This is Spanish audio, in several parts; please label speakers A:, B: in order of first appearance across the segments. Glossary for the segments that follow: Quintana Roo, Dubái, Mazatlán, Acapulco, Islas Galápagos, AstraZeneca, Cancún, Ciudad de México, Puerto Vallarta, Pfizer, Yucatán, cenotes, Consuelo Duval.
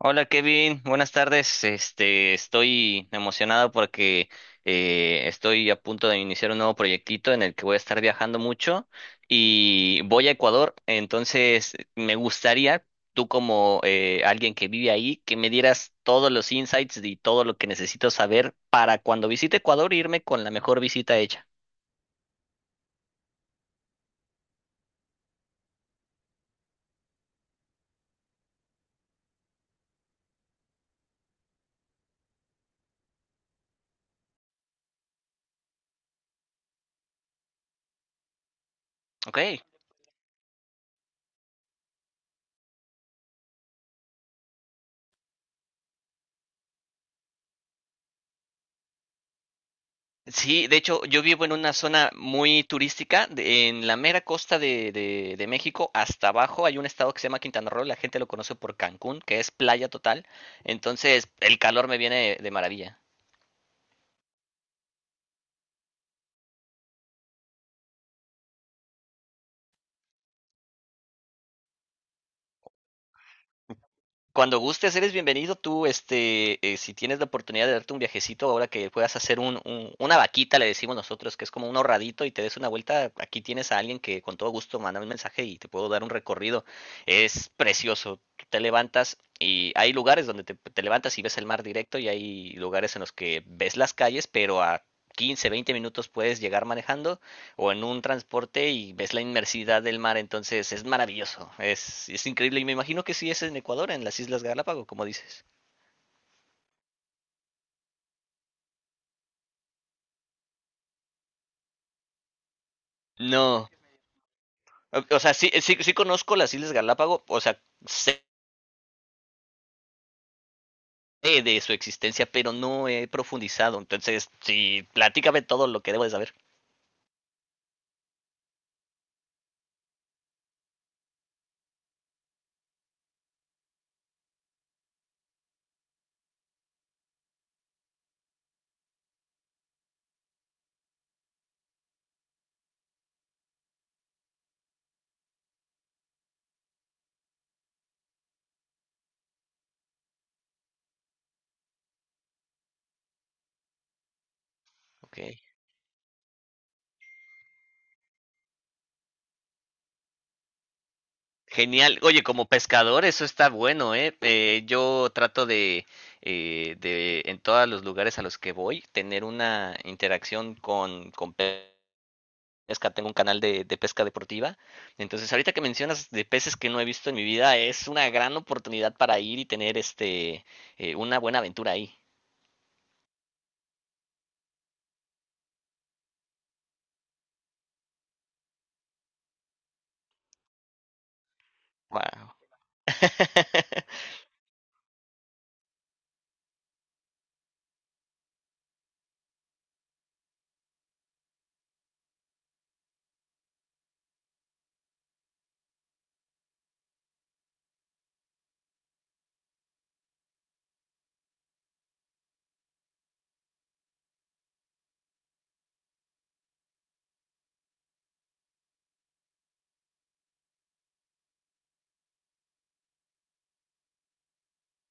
A: Hola Kevin, buenas tardes. Estoy emocionado porque estoy a punto de iniciar un nuevo proyectito en el que voy a estar viajando mucho y voy a Ecuador. Entonces, me gustaría, tú como alguien que vive ahí, que me dieras todos los insights y todo lo que necesito saber para cuando visite Ecuador irme con la mejor visita hecha. ¿Ok? Sí, de hecho, yo vivo en una zona muy turística, en la mera costa de México. Hasta abajo hay un estado que se llama Quintana Roo, la gente lo conoce por Cancún, que es playa total, entonces el calor me viene de maravilla. Cuando gustes, eres bienvenido. Tú, si tienes la oportunidad de darte un viajecito, ahora que puedas hacer una vaquita, le decimos nosotros, que es como un ahorradito, y te des una vuelta, aquí tienes a alguien que con todo gusto manda un mensaje y te puedo dar un recorrido. Es precioso. Tú te levantas y hay lugares donde te levantas y ves el mar directo, y hay lugares en los que ves las calles, pero a 15, 20 minutos puedes llegar manejando o en un transporte y ves la inmersidad del mar. Entonces es maravilloso, es increíble, y me imagino que sí es en Ecuador, en las Islas Galápagos, como dices. No, o sea, sí, sí, sí conozco las Islas Galápagos, o sea, sé de su existencia, pero no he profundizado, entonces sí, platícame todo lo que debo de saber. Ok. Genial. Oye, como pescador eso está bueno, ¿eh? Yo trato de, En todos los lugares a los que voy, tener una interacción con pesca. Tengo un canal de pesca deportiva. Entonces, ahorita que mencionas de peces que no he visto en mi vida, es una gran oportunidad para ir y tener una buena aventura ahí. Wow.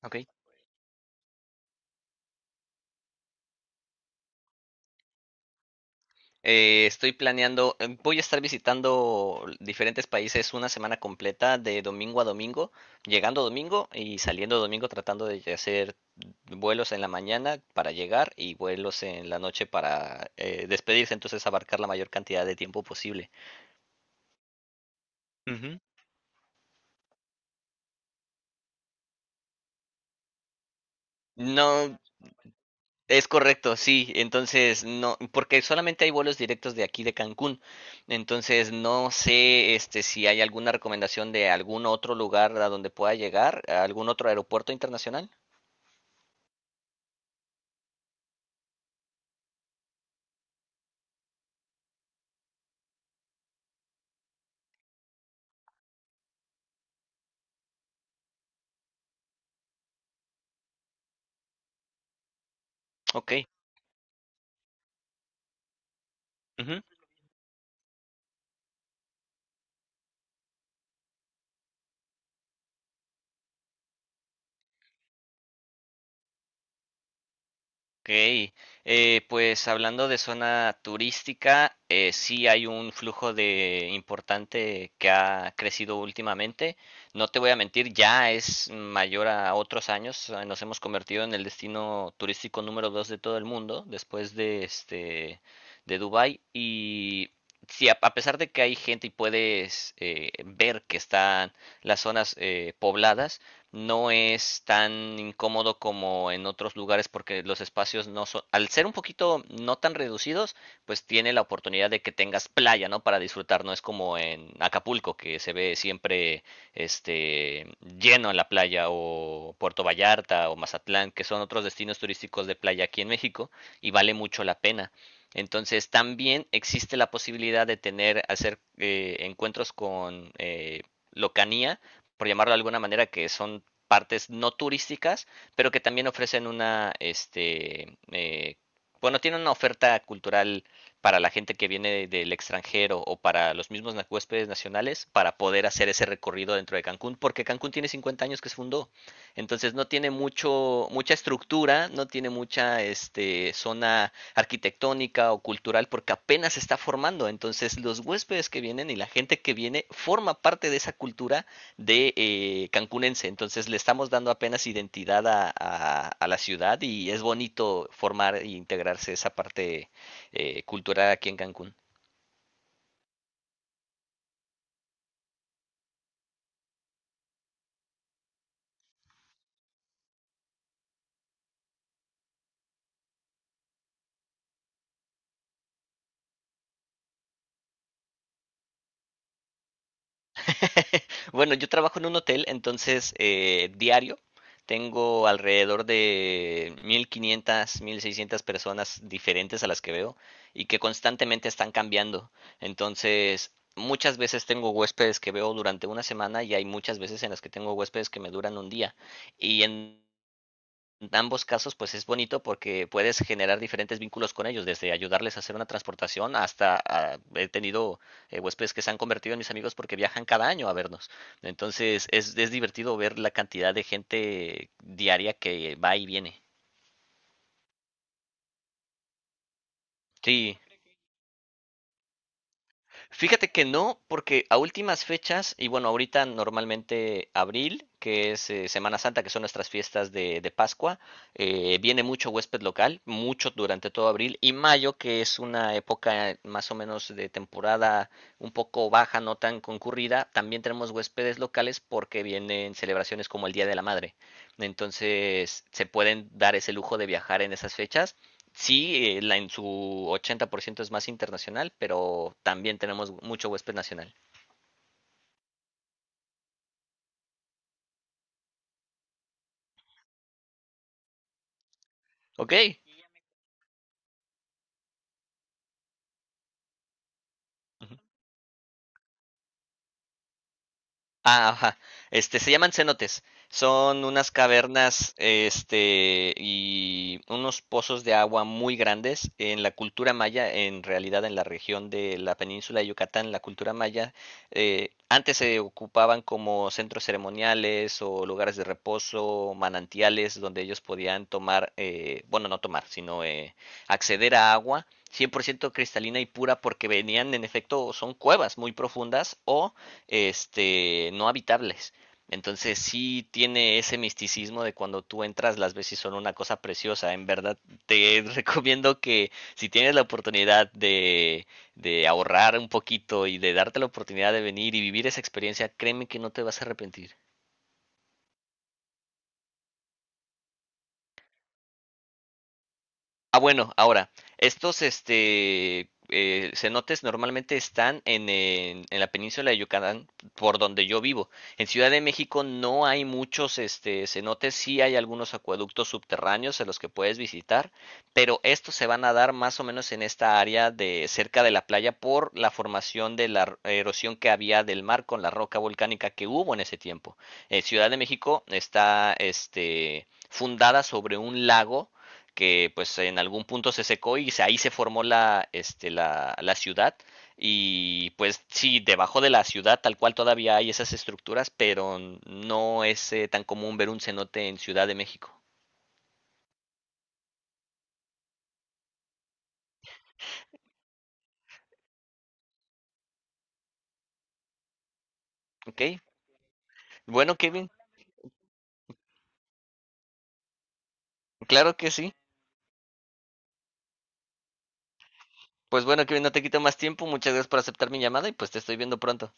A: ok. Estoy planeando, voy a estar visitando diferentes países una semana completa de domingo a domingo, llegando domingo y saliendo domingo, tratando de hacer vuelos en la mañana para llegar y vuelos en la noche para despedirse, entonces abarcar la mayor cantidad de tiempo posible. Uh -huh. No, es correcto, sí. Entonces, no, porque solamente hay vuelos directos de aquí de Cancún. Entonces, no sé, si hay alguna recomendación de algún otro lugar a donde pueda llegar, a algún otro aeropuerto internacional. Ok. Ok, pues hablando de zona turística, sí hay un flujo de importante que ha crecido últimamente. No te voy a mentir, ya es mayor a otros años. Nos hemos convertido en el destino turístico número dos de todo el mundo, después de de Dubái. Y sí, a pesar de que hay gente y puedes ver que están las zonas pobladas, no es tan incómodo como en otros lugares porque los espacios no son, al ser un poquito no tan reducidos, pues tiene la oportunidad de que tengas playa, ¿no? Para disfrutar, no es como en Acapulco que se ve siempre este lleno en la playa, o Puerto Vallarta o Mazatlán, que son otros destinos turísticos de playa aquí en México, y vale mucho la pena. Entonces también existe la posibilidad de tener, hacer encuentros con locanía, por llamarlo de alguna manera, que son partes no turísticas, pero que también ofrecen una, tienen una oferta cultural para la gente que viene del extranjero o para los mismos huéspedes nacionales, para poder hacer ese recorrido dentro de Cancún, porque Cancún tiene 50 años que se fundó. Entonces no tiene mucha estructura, no tiene mucha zona arquitectónica o cultural porque apenas se está formando. Entonces los huéspedes que vienen y la gente que viene forma parte de esa cultura de cancunense. Entonces le estamos dando apenas identidad a, la ciudad, y es bonito formar e integrarse esa parte cultural aquí en Cancún. bueno, yo trabajo en un hotel, entonces diario tengo alrededor de 1,500, 1,600 personas diferentes a las que veo y que constantemente están cambiando. Entonces, muchas veces tengo huéspedes que veo durante una semana, y hay muchas veces en las que tengo huéspedes que me duran un día. Y en En ambos casos, pues es bonito porque puedes generar diferentes vínculos con ellos, desde ayudarles a hacer una transportación hasta ah, he tenido huéspedes que se han convertido en mis amigos porque viajan cada año a vernos. Entonces es divertido ver la cantidad de gente diaria que va y viene. Sí, fíjate que no, porque a últimas fechas, y bueno, ahorita normalmente abril, que es Semana Santa, que son nuestras fiestas de Pascua, viene mucho huésped local, mucho durante todo abril, y mayo, que es una época más o menos de temporada un poco baja, no tan concurrida, también tenemos huéspedes locales porque vienen celebraciones como el Día de la Madre. Entonces, se pueden dar ese lujo de viajar en esas fechas. Sí, en su 80% es más internacional, pero también tenemos mucho huésped nacional. Ok. Ujú. Ah, ajá. Se llaman cenotes. Son unas cavernas, y unos pozos de agua muy grandes. En la cultura maya, en realidad en la región de la península de Yucatán, la cultura maya, antes se ocupaban como centros ceremoniales o lugares de reposo, manantiales, donde ellos podían tomar, no tomar, sino acceder a agua 100% cristalina y pura, porque venían, en efecto, son cuevas muy profundas o no habitables. Entonces sí tiene ese misticismo de cuando tú entras, las veces son una cosa preciosa. En verdad te recomiendo que si tienes la oportunidad de ahorrar un poquito y de darte la oportunidad de venir y vivir esa experiencia, créeme que no te vas a arrepentir. Ah, bueno, estos cenotes normalmente están en la península de Yucatán, por donde yo vivo. En Ciudad de México no hay muchos cenotes, sí hay algunos acueductos subterráneos en los que puedes visitar, pero estos se van a dar más o menos en esta área de cerca de la playa por la formación de la erosión que había del mar con la roca volcánica que hubo en ese tiempo. Ciudad de México está fundada sobre un lago que pues en algún punto se secó y ahí se formó la ciudad. Y pues sí, debajo de la ciudad tal cual todavía hay esas estructuras, pero no es tan común ver un cenote en Ciudad de México. ¿Ok? Bueno, Kevin, claro que sí. Pues bueno, Kevin, no te quito más tiempo. Muchas gracias por aceptar mi llamada y pues te estoy viendo pronto.